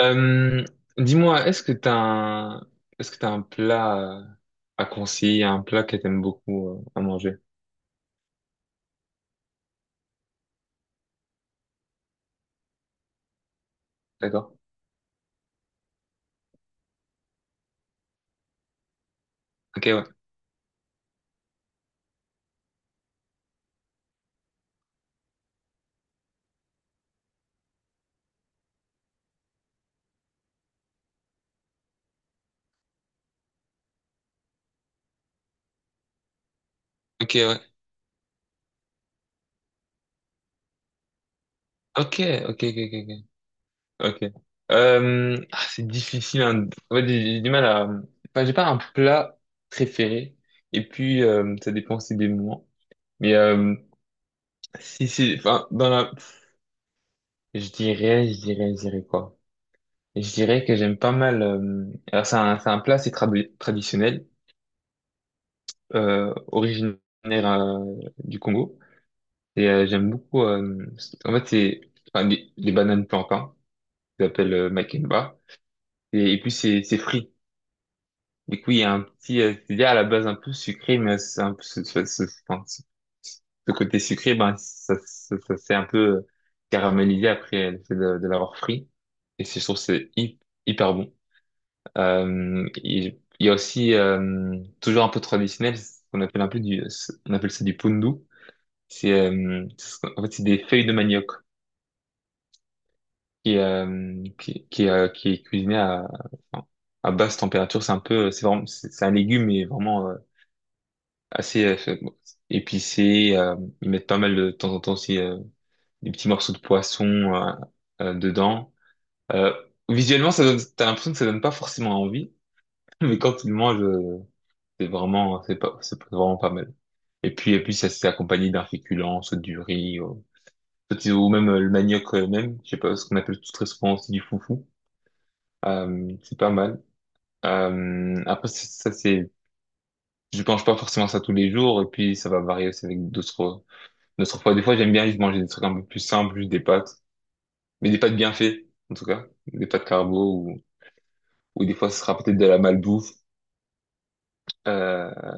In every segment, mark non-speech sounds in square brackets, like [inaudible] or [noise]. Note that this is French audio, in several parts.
Euh, dis-moi, est-ce que t'as un, est-ce que t'as un plat à conseiller, un plat que t'aimes beaucoup à manger? D'accord? Ok, ouais. Ok, ouais. Ok, ok, ok, ok, ok. Ok. Ah, c'est difficile, hein. En fait, j'ai du mal à, enfin, j'ai pas un plat préféré. Et puis, ça dépend aussi des moments. Mais, si, c'est, enfin, dans la, je dirais quoi? Je dirais que j'aime pas mal, alors c'est un plat, c'est traditionnel. Originaire euh, du Congo. Et j'aime beaucoup. En fait, c'est enfin, des bananes plantains, qu'ils appellent makemba. Et puis, c'est frit. Du coup, il y a un petit. C'est à la base un peu sucré, mais c'est un peu enfin, ce- ce côté sucré, ben, ça s'est un peu caramélisé après le fait de l'avoir frit. Et je trouve que c'est hyper bon. Il il y a aussi toujours un peu traditionnel, ce qu'on appelle un peu du, on appelle ça du pundu. En fait c'est des feuilles de manioc qui qui est cuisiné à enfin, à basse température. C'est un peu c'est vraiment c'est un légume mais vraiment assez bon, épicé. Ils mettent pas mal de temps en temps aussi des petits morceaux de poisson euh, dedans. Euh, Visuellement ça donne t'as l'impression que ça donne pas forcément envie, [laughs] mais quand tu le manges c'est vraiment c'est pas c'est vraiment pas mal. Et puis ça s'est accompagné d'un féculent, soit du riz. Peut-être, ou même le manioc même, je sais pas, ce qu'on appelle tout très souvent aussi du foufou. C'est pas mal. Après, ça, c'est, je mange pas forcément ça tous les jours, et puis ça va varier aussi avec d'autres, d'autres fois. Des fois, j'aime bien juste manger des trucs un peu plus simples, juste des pâtes, mais des pâtes bien faites, en tout cas. Des pâtes carbo, ou des fois, ce sera peut-être de la malbouffe. Euh,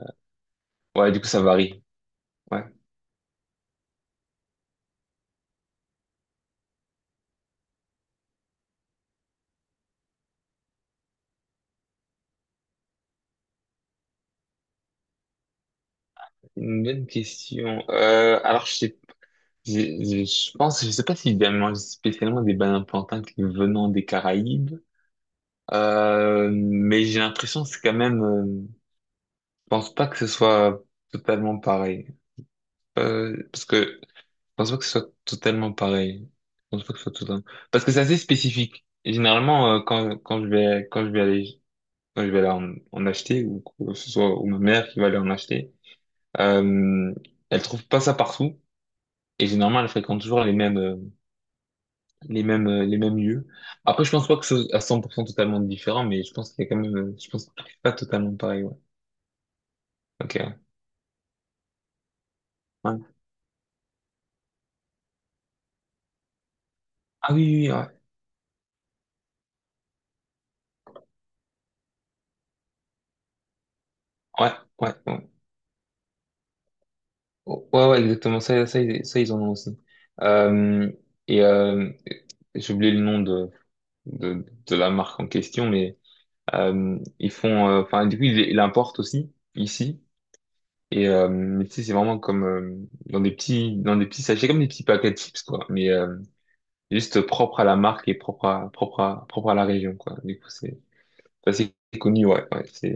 ouais, du coup, ça varie. Ouais. Une bonne question. Alors, je sais je pense, je sais pas si j'ai mangé spécialement des bananes plantains qui venant des Caraïbes. Mais j'ai l'impression que c'est quand même. Je pense pas que ce soit totalement pareil. Parce que je pense pas que ce soit totalement pareil. Je pense pas que ce soit totalement. Parce que c'est assez spécifique. Et généralement, quand quand je vais aller en, en acheter ou que ce soit ou ma mère qui va aller en acheter, euh, elle trouve pas ça partout. Et généralement, elle fréquente toujours les mêmes les mêmes lieux. Après, je pense pas que ce soit à 100% totalement différent, mais je pense qu'il y a quand même. Je pense que c'est pas totalement pareil. Ouais. Ok. Ouais. Ah oui, oui, oui, ouais. Ouais, ouais, ouais. Oh, ouais, ouais, exactement. Ça, ils en ont aussi. Euh, et j'ai oublié le nom de la marque en question, mais ils font... Enfin, du coup, ils l'importent aussi, ici. Et mais tu sais, c'est vraiment comme dans des petits sachets, comme des petits paquets de chips, quoi. Mais juste propre à la marque et propre à, propre à la région, quoi. Du coup, c'est ça, c'est assez connu, ouais. Ouais c'est,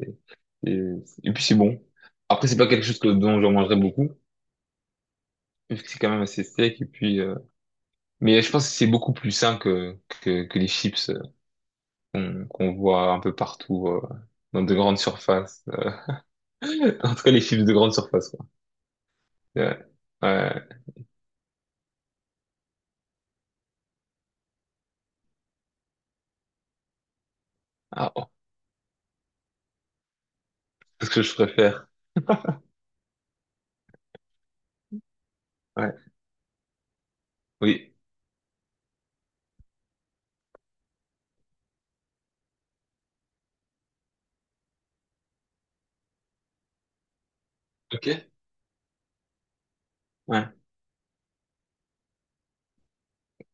et puis, c'est bon. Après, c'est pas quelque chose que, dont j'en mangerai beaucoup. C'est quand même assez sec et puis mais je pense que c'est beaucoup plus sain que les chips qu'on voit un peu partout dans de grandes surfaces. [laughs] En tout cas les chips de grande surface quoi ouais, ouais. Ah, oh, c'est ce que je préfère ouais oui ok ouais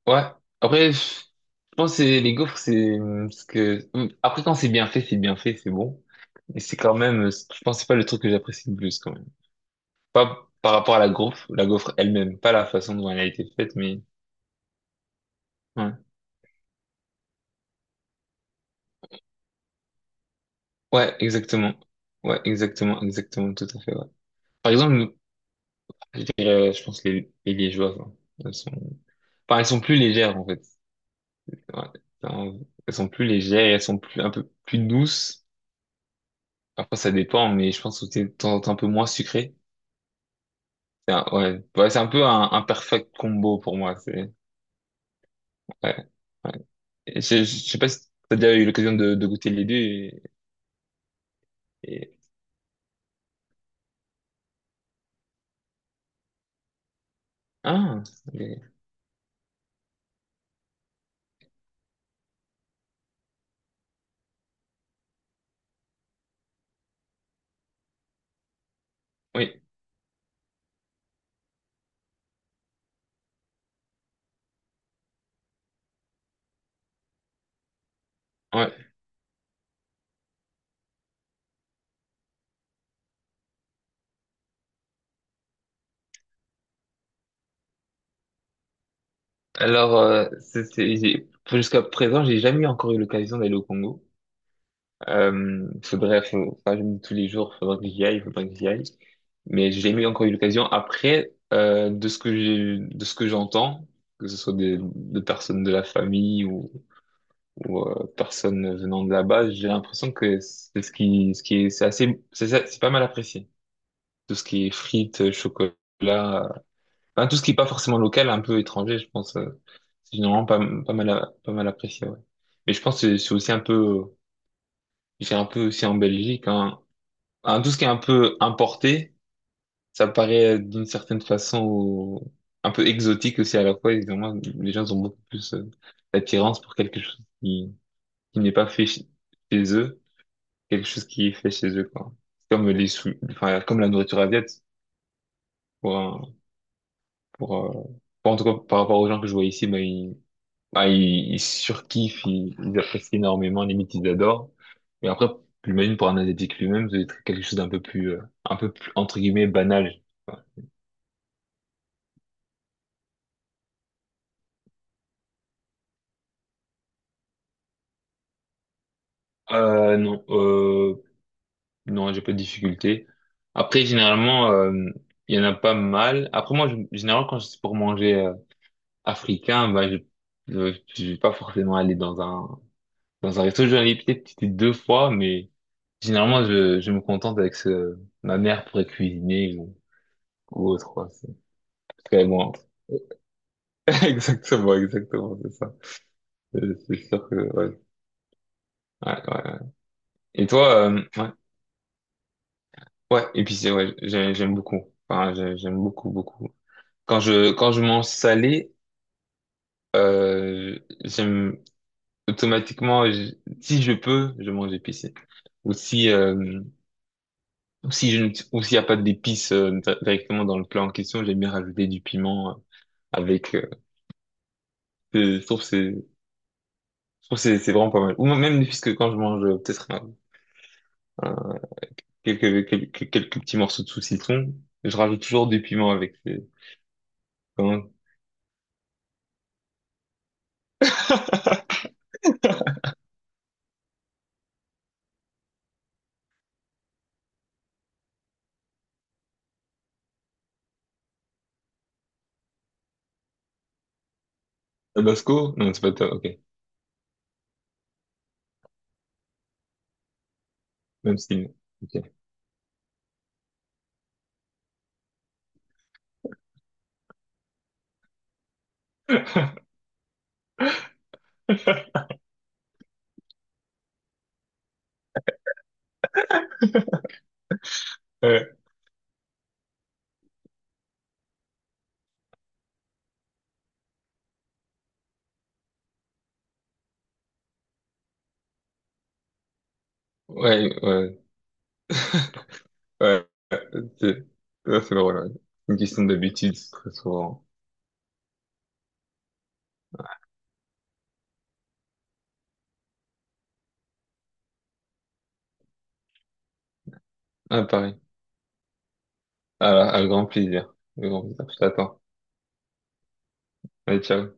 ouais après je pense que les gaufres c'est ce que après quand c'est bien fait c'est bien fait c'est bon mais c'est quand même je pense que c'est pas le truc que j'apprécie le plus quand même pas par rapport à la gaufre elle-même pas la façon dont elle a été faite mais ouais. Ouais, exactement. Ouais, exactement, exactement, tout à fait, ouais. Par exemple, nous, je dirais, je pense, les liégeoises, hein. Elles sont, enfin, elles sont plus légères, en fait. Ouais. Enfin, elles sont plus légères, et elles sont plus, un peu plus douces. Après, ça dépend, mais je pense que c'est de temps en temps un peu moins sucré. Ouais, ouais, c'est un peu un perfect combo pour moi, c'est, ouais, ouais. Et je sais pas si t'as déjà eu l'occasion de goûter les deux et, et- ah, les- oui, ouais. Alors, jusqu'à présent, j'ai jamais eu encore eu l'occasion d'aller au Congo. Faudrait, enfin, je me dis tous les jours, faudrait que j'y aille, faudrait que j'y aille. Mais j'ai jamais eu encore eu l'occasion. Après, de ce que j'ai, de ce que j'entends, que ce soit des, de personnes de la famille ou personnes venant de là-bas, j'ai l'impression que c'est ce qui est, c'est assez, c'est pas mal apprécié. Tout ce qui est frites, chocolat, enfin, tout ce qui est pas forcément local, un peu étranger, je pense, c'est généralement pas, pas mal, pas mal apprécié, ouais. Mais je pense que c'est aussi un peu, euh, c'est un peu aussi en Belgique, hein. Enfin, tout ce qui est un peu importé, ça paraît d'une certaine façon un peu exotique aussi à la fois, évidemment, les gens ont beaucoup plus d'attirance pour quelque chose qui n'est pas fait chez eux, quelque chose qui est fait chez eux, quoi. C'est enfin, comme la nourriture asiatique, pour, un- pour, euh, pour- en tout cas, par rapport aux gens que je vois ici, ben, ah, ils surkiffent, ils apprécient énormément, limite ils adorent. Mais après, j'imagine pour un asiatique lui-même, ça doit être quelque chose d'un peu plus, un peu plus, entre guillemets, banal. Euh, non, euh, non, j'ai pas de difficulté. Après, généralement, il y en a pas mal. Après, généralement, quand c'est pour manger africain, bah, je vais pas forcément aller dans un resto. Je vais aller peut-être deux fois, mais généralement, je me contente avec ce, ma mère pourrait cuisiner ou autre, quoi. Très loin. [laughs] Exactement, exactement, c'est ça. C'est sûr que, ouais. Ouais, ouais, ouais. Et toi, ouais, ouais, épicé, ouais, j'aime beaucoup. Enfin, j'aime beaucoup, beaucoup. Quand quand je mange salé, euh, j'aime automatiquement, si je peux, je mange épicé. Ou si, euh, ou si je, ne- ou s'il n'y a pas d'épices directement dans le plat en question, j'aime bien rajouter du piment avec, je trouve que c'est, je trouve que c'est vraiment pas mal. Ou même, puisque quand je mange, peut-être, un, quelques petits morceaux de saucisson. Je rajoute toujours du piment avec. Comment? Tabasco? Non, c'est pas ta- ok. Même style. Ok. Ouais, ouais. [laughs] Ouais, c'est ça, c'est drôle. Ouais. Une question d'habitude, très souvent. Ah, pareil. Ah, à grand plaisir. À grand plaisir. Je t'attends. Allez, ciao.